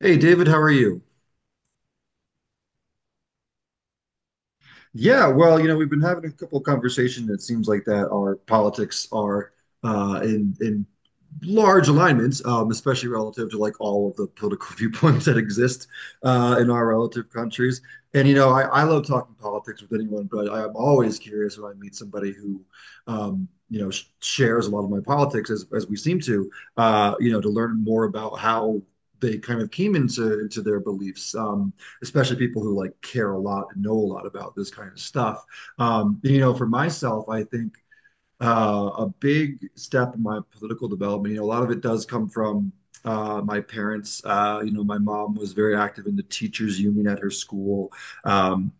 Hey David, how are you? Yeah, well, you know, we've been having a couple of conversations that seems like that our politics are in large alignments, especially relative to like all of the political viewpoints that exist in our relative countries. And you know, I love talking politics with anyone, but I am always curious when I meet somebody who, you know, sh shares a lot of my politics as we seem to, you know, to learn more about how they kind of came into their beliefs. Especially people who like care a lot and know a lot about this kind of stuff. For myself, I think a big step in my political development, you know, a lot of it does come from my parents. My mom was very active in the teachers union at her school. Um,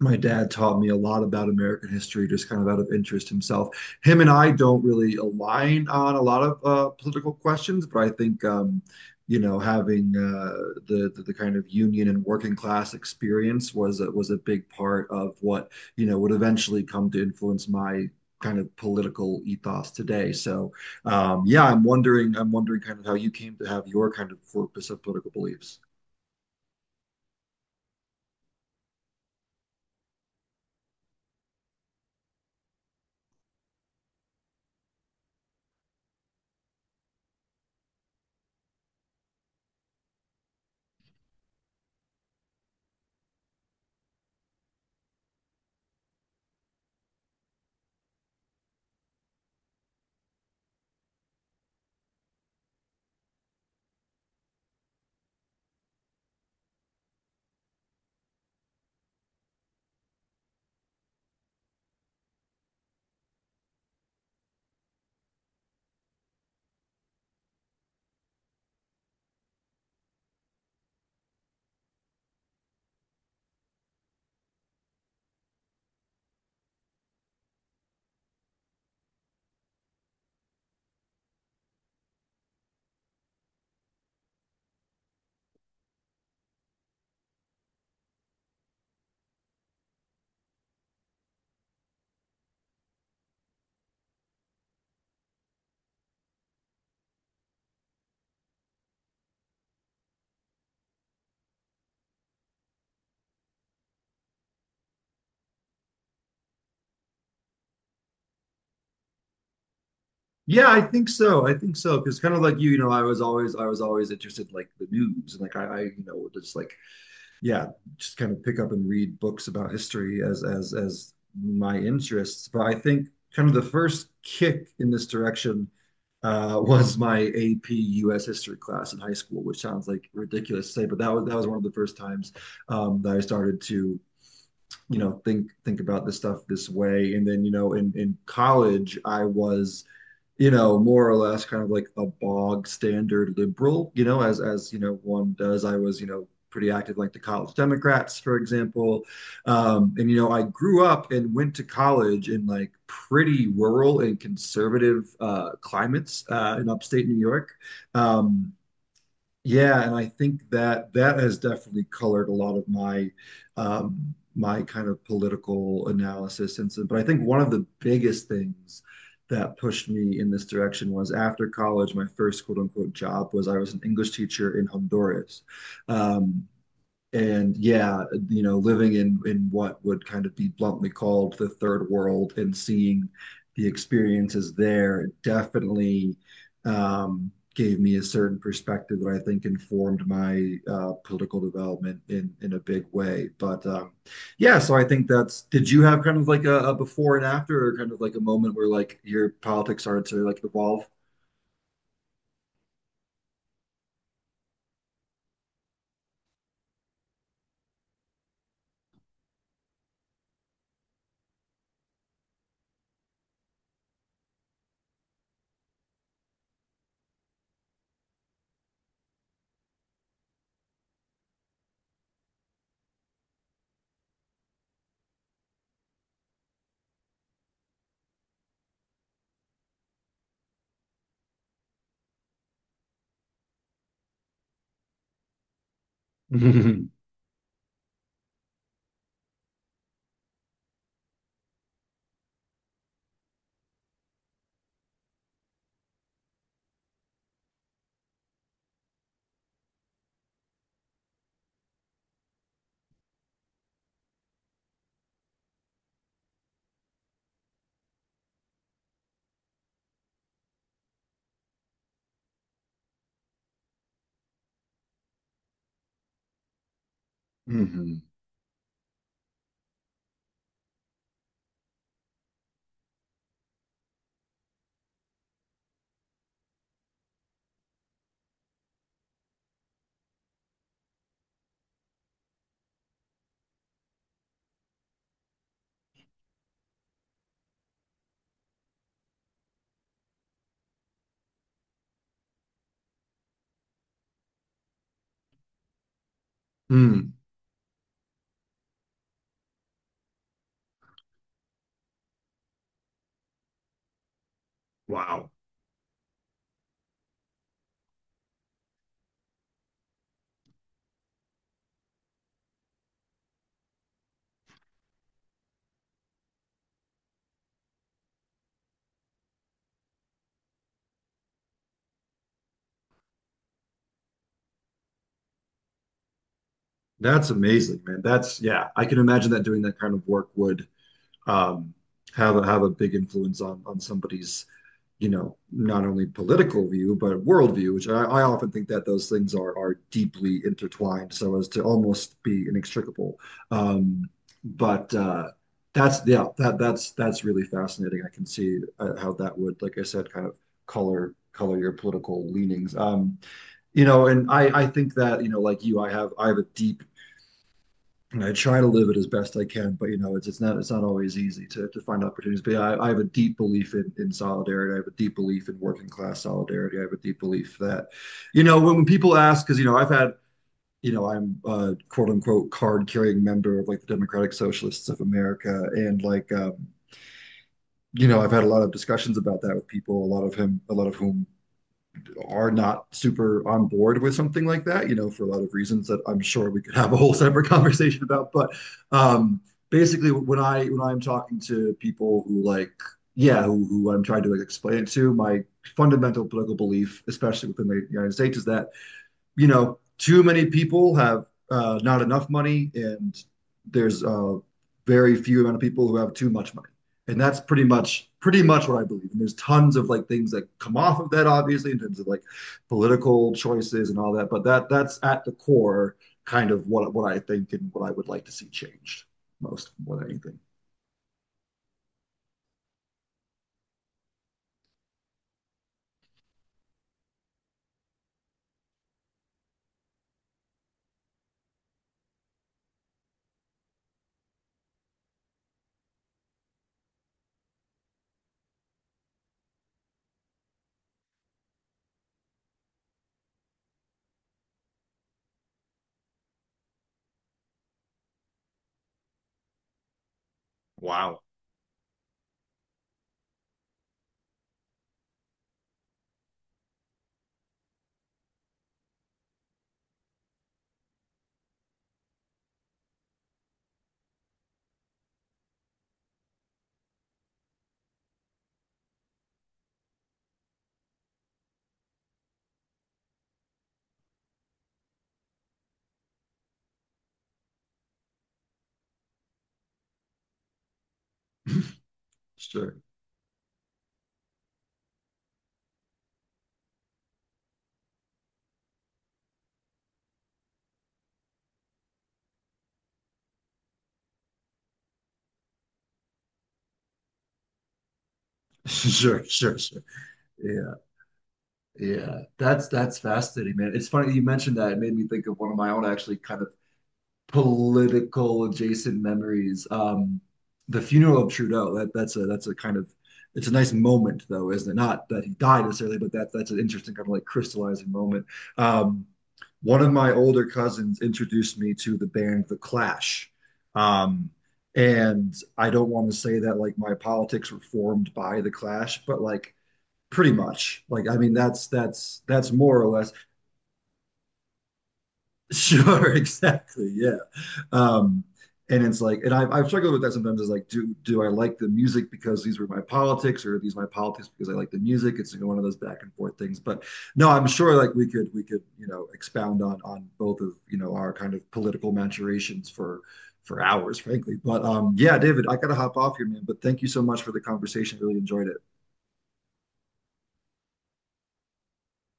my dad taught me a lot about American history, just kind of out of interest himself. Him and I don't really align on a lot of political questions, but I think you know having the kind of union and working class experience was a big part of what you know would eventually come to influence my kind of political ethos today. So yeah, I'm wondering kind of how you came to have your kind of corpus of political beliefs. Yeah, I think so. I think so. Because kind of like you know, I was always interested in, like the news and like I you know just like yeah, just kind of pick up and read books about history as as my interests. But I think kind of the first kick in this direction was my AP US history class in high school, which sounds like ridiculous to say, but that was one of the first times that I started to you know think about this stuff this way. And then you know in college I was you know, more or less kind of like a bog standard liberal, you know, as you know one does. I was, you know, pretty active like the College Democrats, for example. And you know, I grew up and went to college in like pretty rural and conservative climates in upstate New York. Um, yeah, and I think that that has definitely colored a lot of my my kind of political analysis. And so, but I think one of the biggest things that pushed me in this direction was after college, my first quote unquote job was I was an English teacher in Honduras. Um, and yeah, you know, living in what would kind of be bluntly called the third world and seeing the experiences there definitely gave me a certain perspective that I think informed my political development in a big way. So I think that's. Did you have kind of like a before and after, or kind of like a moment where like your politics started to like evolve? Mhm. Mhm. Mm. Wow. That's amazing, man. That's yeah, I can imagine that doing that kind of work would um, have have a big influence on somebody's, you know, not only political view but worldview, which I often think that those things are deeply intertwined, so as to almost be inextricable. Um, but uh, that that's really fascinating. I can see how that would, like I said, kind of color your political leanings. And I think that you know, like you, I have a deep and I try to live it as best I can, but you know, it's not always easy to find opportunities. But yeah, I have a deep belief in solidarity. I have a deep belief in working class solidarity. I have a deep belief that, you know, when people ask, because you know, I've had you know, I'm a quote unquote card carrying member of like the Democratic Socialists of America, and you know, I've had a lot of discussions about that with people, a lot of whom are not super on board with something like that, you know, for a lot of reasons that I'm sure we could have a whole separate conversation about. But um, basically, when I'm talking to people who like, yeah, who I'm trying to like, explain it to, my fundamental political belief, especially within the United States, is that you know, too many people have not enough money, and there's a very few amount of people who have too much money. And that's pretty much what I believe. And there's tons of like things that come off of that, obviously, in terms of like political choices and all that. But that that's at the core kind of what I think and what I would like to see changed most more than anything. Wow. Sure. Sure, sure, sure. Yeah, yeah. That's fascinating, man. It's funny you mentioned that. It made me think of one of my own actually kind of political adjacent memories. The funeral of Trudeau. That that's a kind of it's a nice moment though, isn't it? Not that he died necessarily, but that that's an interesting kind of like crystallizing moment. Um, one of my older cousins introduced me to the band The Clash. Um, and I don't want to say that like my politics were formed by The Clash, but like pretty much. Like I mean that's more or less sure, exactly. Yeah. Um, and it's like, and I've struggled with that sometimes. Is like, do I like the music because these were my politics, or are these my politics because I like the music? It's like one of those back and forth things. But no, I'm sure like we could you know expound on both of you know our kind of political maturations for hours, frankly. But David, I gotta hop off here, man. But thank you so much for the conversation. Really enjoyed it.